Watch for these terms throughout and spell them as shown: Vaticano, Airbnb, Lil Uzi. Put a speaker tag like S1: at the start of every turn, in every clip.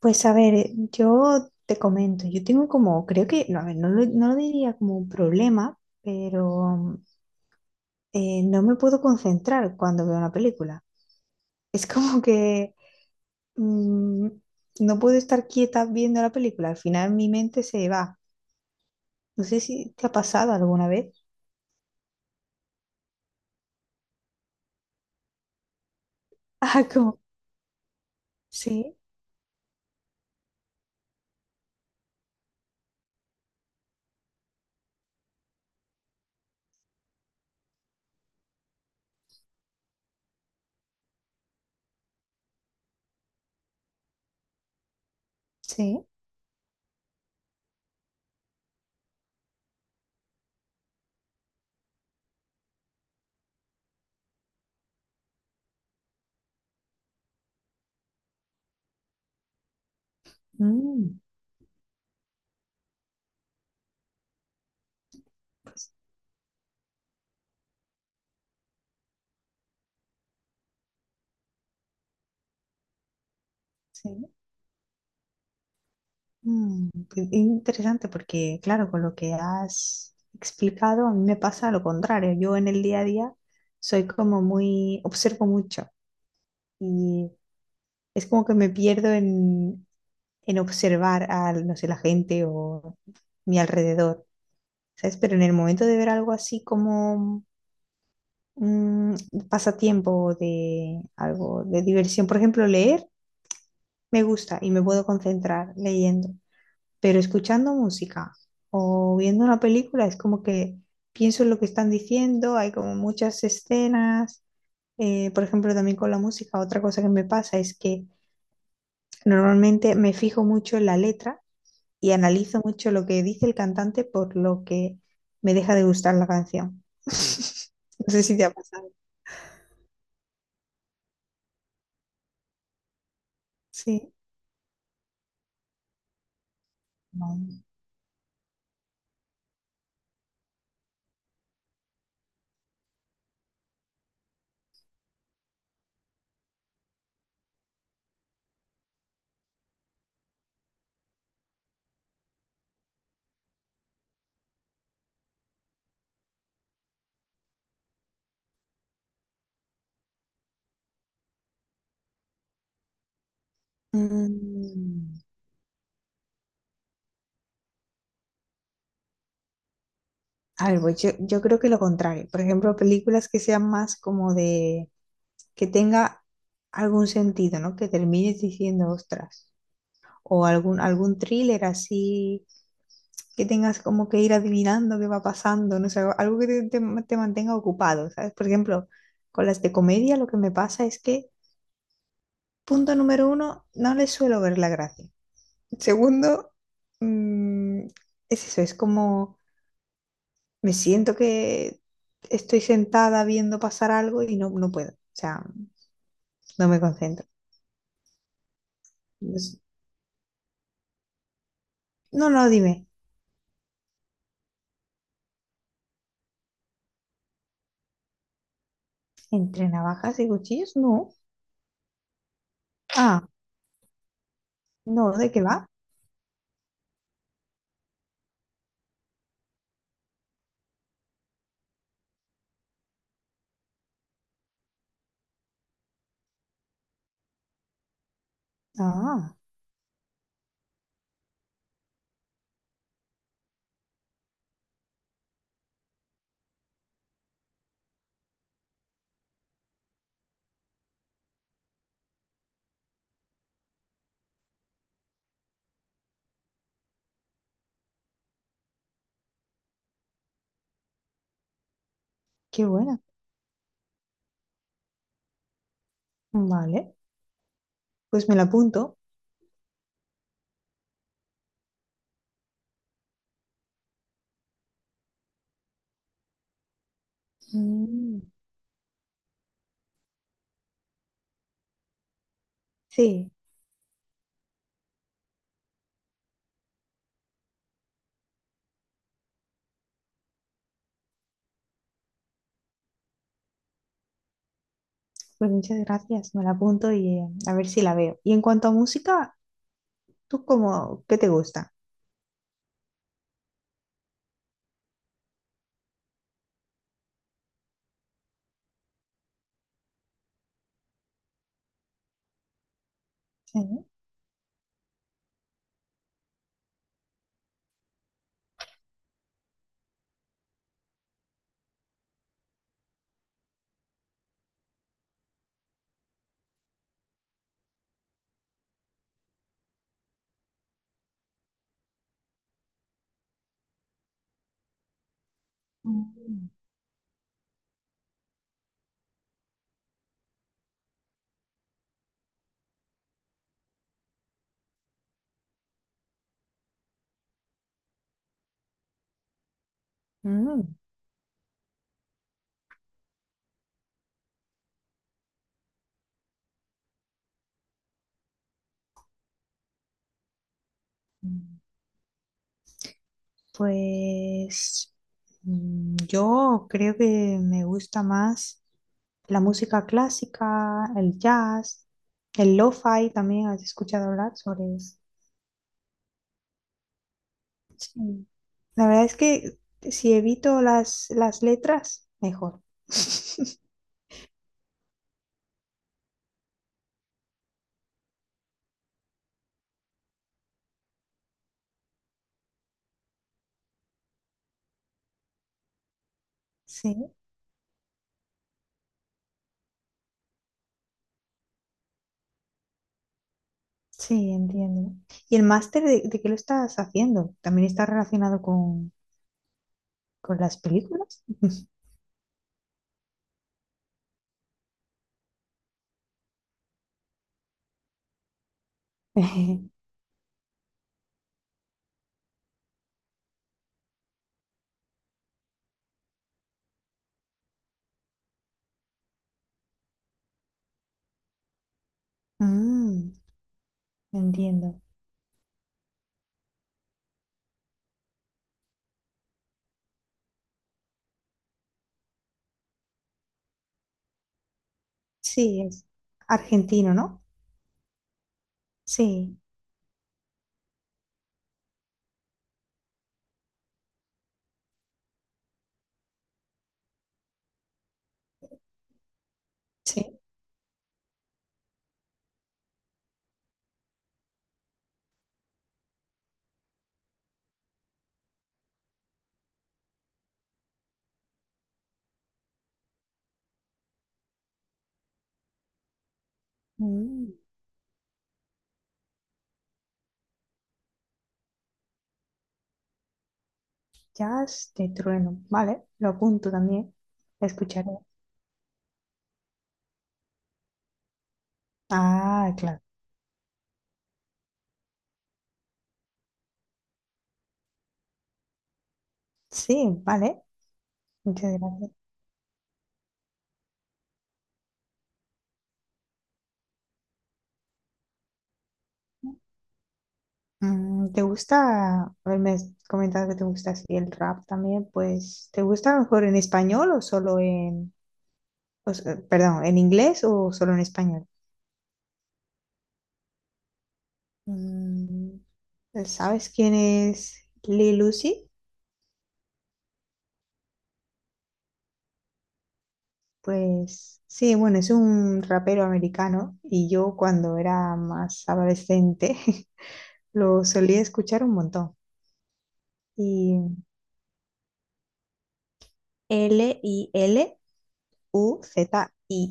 S1: Pues a ver, yo te comento, yo tengo como, creo que, no, a ver, no lo diría como un problema, pero no me puedo concentrar cuando veo una película. Es como que mm, no puedo estar quieta viendo la película, al final mi mente se va. No sé si te ha pasado alguna vez. Ah, como, sí, sí, mm, sí. Mm, qué interesante porque, claro, con lo que has explicado, a mí me pasa lo contrario. Yo en el día a día soy como muy, observo mucho y es como que me pierdo en observar a, no sé, la gente o mi alrededor, ¿sabes? Pero en el momento de ver algo así como un pasatiempo de algo de diversión, por ejemplo, leer, me gusta y me puedo concentrar leyendo. Pero escuchando música o viendo una película es como que pienso en lo que están diciendo, hay como muchas escenas, por ejemplo, también con la música, otra cosa que me pasa es que normalmente me fijo mucho en la letra y analizo mucho lo que dice el cantante por lo que me deja de gustar la canción. No sé si te ha pasado. Sí. No. Mm. A ver, pues yo creo que lo contrario. Por ejemplo, películas que sean más como de que tenga algún sentido, ¿no? Que termines diciendo, ostras, o algún, algún thriller así, que tengas como que ir adivinando qué va pasando, no sé, algo que te, te mantenga ocupado, ¿sabes? Por ejemplo, con las de comedia lo que me pasa es que, punto número uno, no les suelo ver la gracia. Segundo, mm, es eso, es como me siento que estoy sentada viendo pasar algo y no, no puedo, o sea, no me concentro. No, sé. No, no, dime. ¿Entre navajas y cuchillos? No. Ah, no, ¿de qué va? Ah, qué buena. Vale, pues me la apunto. Mm, sí, pues muchas gracias. Me la apunto y a ver si la veo. Y en cuanto a música, ¿tú cómo, qué te gusta? Sí. Mm, mm, pues yo creo que me gusta más la música clásica, el jazz, el lo-fi también. ¿Has escuchado hablar sobre eso? Sí. La verdad es que si evito las letras, mejor. Sí, sí, entiendo. ¿Y el máster de qué lo estás haciendo? ¿También está relacionado con las películas? Mm, entiendo. Sí, es argentino, ¿no? Sí, sí. Mm, jazz de trueno. Vale, lo apunto también. Lo escucharé. Ah, claro. Sí, vale. Muchas gracias. Mm, ¿te gusta? A ver, me has comentado que te gusta así el rap también, pues ¿te gusta mejor en español o solo en, perdón, en inglés o solo en español? Mm, ¿sabes quién es Lil Uzi? Pues sí, bueno, es un rapero americano y yo cuando era más adolescente lo solía escuchar un montón. Y LilUzi.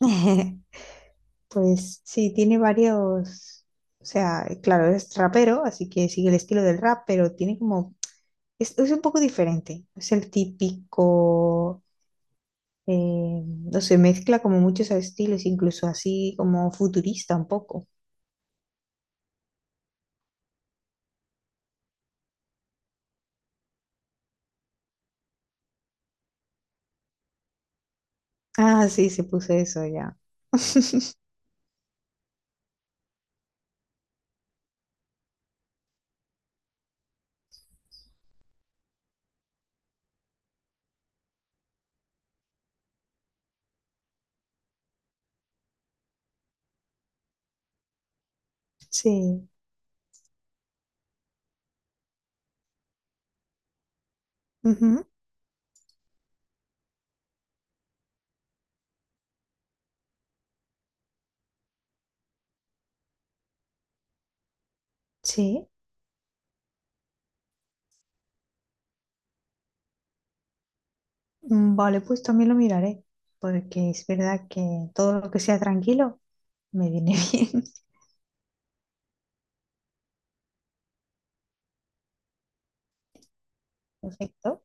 S1: Pues sí, tiene varios, o sea, claro, es rapero, así que sigue el estilo del rap, pero tiene como, es un poco diferente, es el típico, no sé, mezcla como muchos estilos, incluso así como futurista un poco. Ah, sí, se puso eso ya. Sí, ujú, sí, mm, vale, pues también lo miraré, porque es verdad que todo lo que sea tranquilo me viene bien. Perfecto.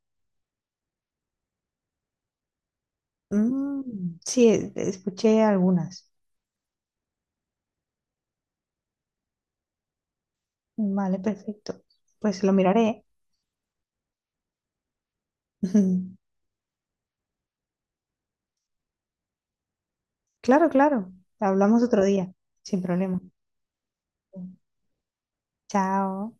S1: Mm, sí, escuché algunas. Vale, perfecto. Pues lo miraré. Claro, claro. Hablamos otro día, sin problema. Chao.